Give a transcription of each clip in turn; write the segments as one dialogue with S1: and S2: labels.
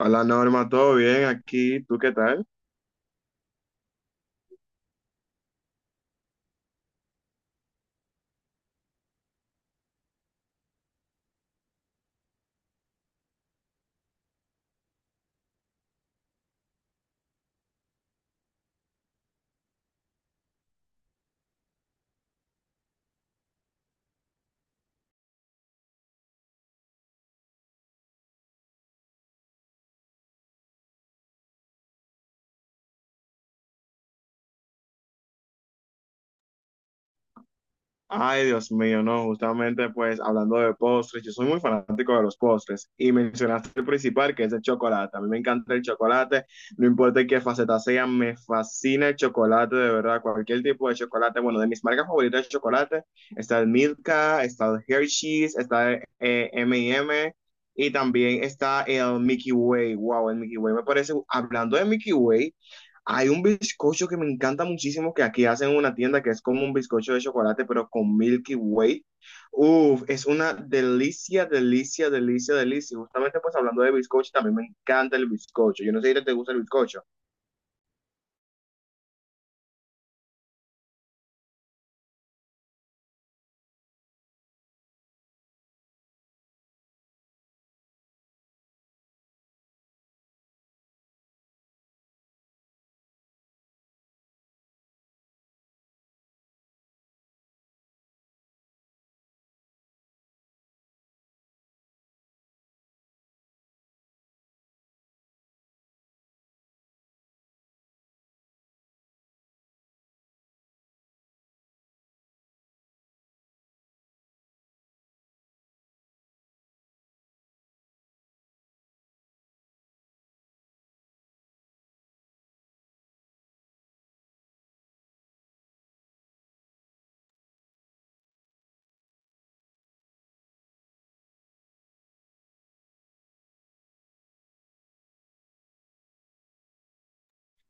S1: Hola Norma, ¿todo bien aquí? ¿Tú qué tal? Ay, Dios mío, no, justamente pues hablando de postres, yo soy muy fanático de los postres y mencionaste el principal que es el chocolate. A mí me encanta el chocolate, no importa en qué faceta sea, me fascina el chocolate, de verdad, cualquier tipo de chocolate. Bueno, de mis marcas favoritas de chocolate está el Milka, está el Hershey's, está el M&M y M y también está el Milky Way. Wow, el Milky Way me parece, hablando de Milky Way. Hay un bizcocho que me encanta muchísimo que aquí hacen en una tienda que es como un bizcocho de chocolate, pero con Milky Way. Uf, es una delicia, delicia, delicia, delicia. Justamente pues hablando de bizcocho, también me encanta el bizcocho. Yo no sé si te gusta el bizcocho.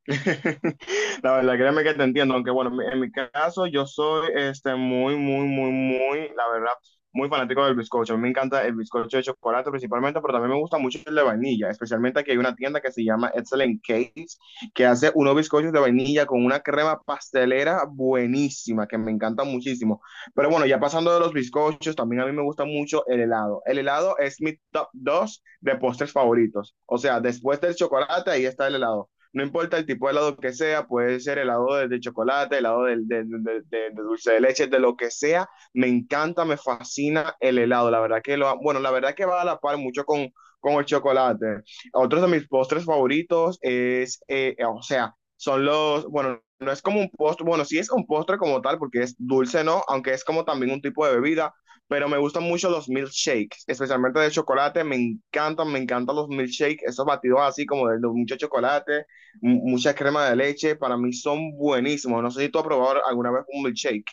S1: La verdad, créeme que te entiendo, aunque bueno, en mi caso yo soy muy, muy, muy, muy, la verdad, muy fanático del bizcocho. A mí me encanta el bizcocho de chocolate principalmente, pero también me gusta mucho el de vainilla, especialmente aquí hay una tienda que se llama Excellent Cakes, que hace unos bizcochos de vainilla con una crema pastelera buenísima, que me encanta muchísimo. Pero bueno, ya pasando de los bizcochos, también a mí me gusta mucho el helado. El helado es mi top 2 de postres favoritos. O sea, después del chocolate, ahí está el helado. No importa el tipo de helado que sea, puede ser helado de chocolate, helado de dulce de leche, de lo que sea. Me encanta, me fascina el helado. La verdad que lo, bueno, la verdad que va a la par mucho con el chocolate. Otros de mis postres favoritos es, o sea, son los, bueno, no es como un postre, bueno, sí es un postre como tal, porque es dulce, ¿no? Aunque es como también un tipo de bebida pero me gustan mucho los milkshakes, especialmente de chocolate, me encantan los milkshakes, esos batidos así como de mucho chocolate, mucha crema de leche, para mí son buenísimos. No sé si tú has probado alguna vez un milkshake.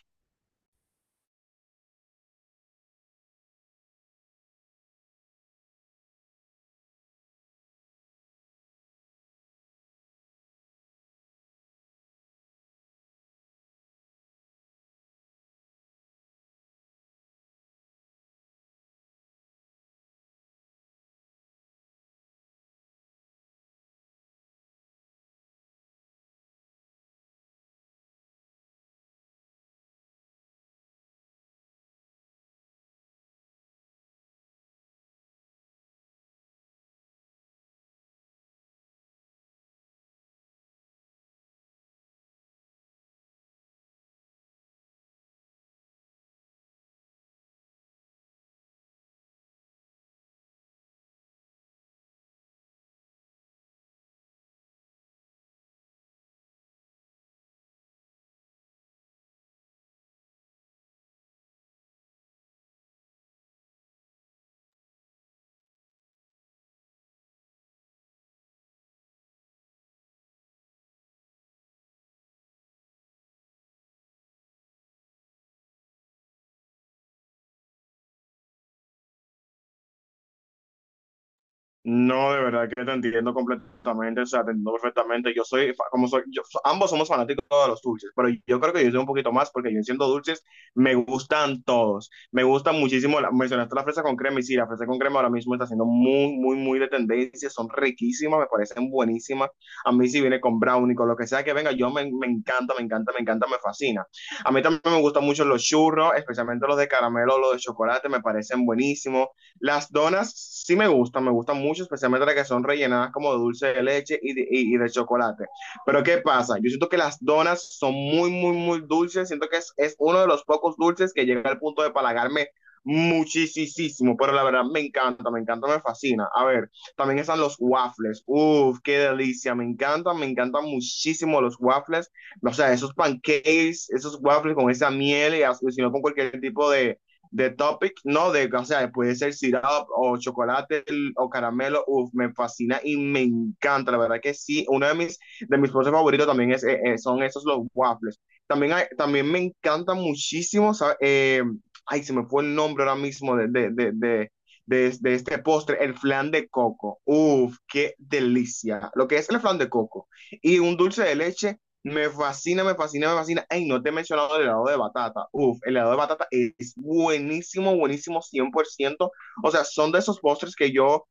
S1: No, de verdad que te entiendo completamente, o sea, te entiendo perfectamente. Yo soy, como soy, ambos somos fanáticos de los dulces, pero yo creo que yo soy un poquito más porque yo siendo dulces me gustan todos. Me gustan muchísimo, la, mencionaste la fresa con crema y sí, la fresa con crema ahora mismo está siendo muy, muy, muy de tendencia, son riquísimas, me parecen buenísimas. A mí si viene con brownie, con lo que sea que venga, yo me encanta, me encanta, me encanta, me fascina. A mí también me gustan mucho los churros, especialmente los de caramelo, los de chocolate, me parecen buenísimos. Las donas sí me gustan mucho, especialmente las que son rellenadas como de dulce de leche y de chocolate. Pero ¿qué pasa? Yo siento que las donas son muy, muy, muy dulces. Siento que es uno de los pocos dulces que llega al punto de palagarme muchísimo, pero la verdad me encanta, me encanta, me fascina. A ver, también están los waffles. Uf, qué delicia, me encantan muchísimo los waffles. O sea, esos pancakes, esos waffles con esa miel y sino con cualquier tipo de topic, no de, o sea, puede ser syrup o chocolate o caramelo, uff, me fascina y me encanta, la verdad que sí, uno de mis postres favoritos también es, son esos los waffles. También, hay, también me encanta muchísimo, ay, se me fue el nombre ahora mismo de este postre, el flan de coco. Uff qué delicia. Lo que es el flan de coco. Y un dulce de leche me fascina, me fascina, me fascina. Ay, no te he mencionado el helado de batata. Uf, el helado de batata es buenísimo, buenísimo, 100%. O sea, son de esos postres que yo,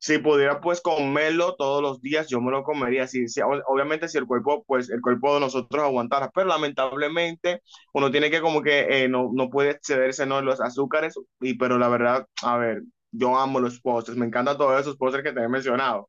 S1: si pudiera pues comerlo todos los días, yo me lo comería. Obviamente si el cuerpo, pues el cuerpo de nosotros aguantara, pero lamentablemente uno tiene que como que no, no puede excederse, ¿no? en los azúcares, y, pero la verdad, a ver, yo amo los postres, me encantan todos esos postres que te he mencionado.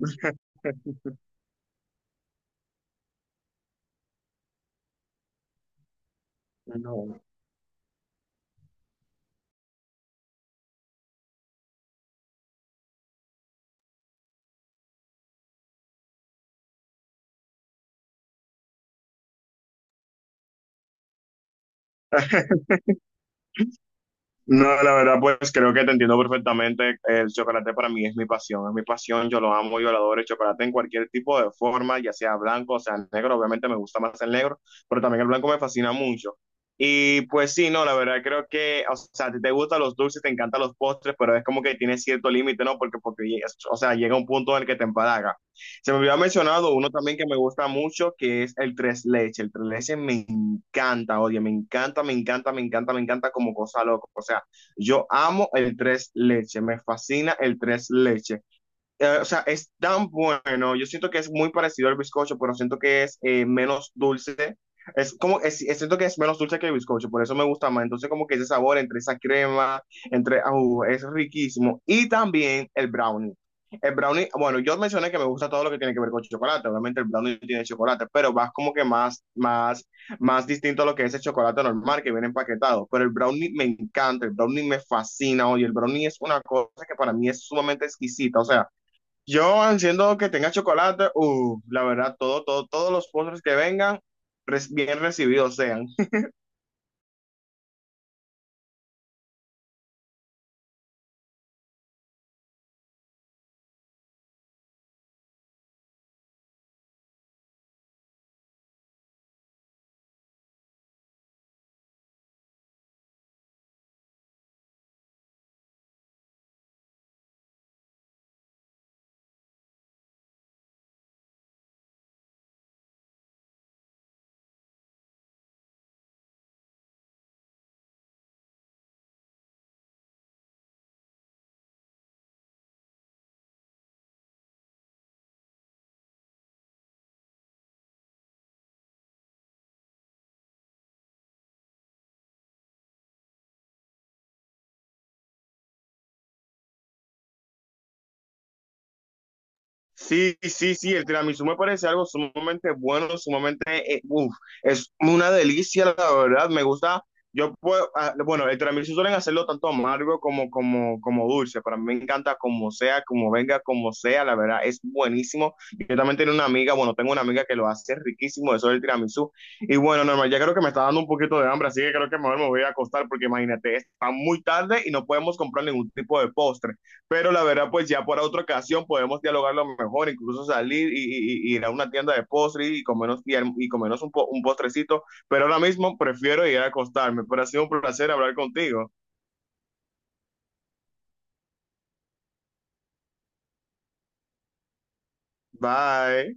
S1: No. No, la verdad, pues creo que te entiendo perfectamente. El chocolate para mí es mi pasión, es mi pasión. Yo lo amo, yo lo adoro. El chocolate en cualquier tipo de forma, ya sea blanco, o sea negro. Obviamente me gusta más el negro, pero también el blanco me fascina mucho. Y pues sí, no, la verdad creo que, o sea, a ti te gustan los dulces, te encantan los postres, pero es como que tienes cierto límite, ¿no? Porque, o sea, llega un punto en el que te empalaga. Se me había mencionado uno también que me gusta mucho, que es el tres leche. El tres leche me encanta, oye, me encanta, me encanta, me encanta, me encanta como cosa loca. O sea, yo amo el tres leche, me fascina el tres leche o sea, es tan bueno. Yo siento que es muy parecido al bizcocho, pero siento que es menos dulce. Es como, siento que es menos dulce que el bizcocho, por eso me gusta más. Entonces, como que ese sabor entre esa crema, entre, au, es riquísimo. Y también el brownie. El brownie, bueno, yo mencioné que me gusta todo lo que tiene que ver con chocolate. Obviamente el brownie tiene chocolate, pero vas como que más, más, más distinto a lo que es el chocolate normal que viene empaquetado. Pero el brownie me encanta, el brownie me fascina, oye, el brownie es una cosa que para mí es sumamente exquisita. O sea, yo, siendo que tenga chocolate, la verdad, todo, todo, todos los postres que vengan, bien recibidos sean. Sí, sí, sí, el tiramisú me parece algo sumamente bueno, sumamente, uf, es una delicia, la verdad, me gusta, yo puedo, ah, bueno, el tiramisú suelen hacerlo tanto amargo como, como, dulce, para mí me encanta como sea, como venga, como sea, la verdad, es buenísimo, yo también tengo una amiga, bueno, tengo una amiga que lo hace riquísimo, eso del tiramisú, y bueno, normal, ya creo que me está dando un poquito de hambre, así que creo que mejor me voy a acostar, porque imagínate, está muy tarde y no podemos comprar ningún tipo de postre, pero la verdad, pues ya para otra ocasión podemos dialogarlo mejor, incluso salir y, y ir a una tienda de postres y comernos, y comernos un postrecito. Pero ahora mismo prefiero ir a acostarme. Pero ha sido un placer hablar contigo. Bye.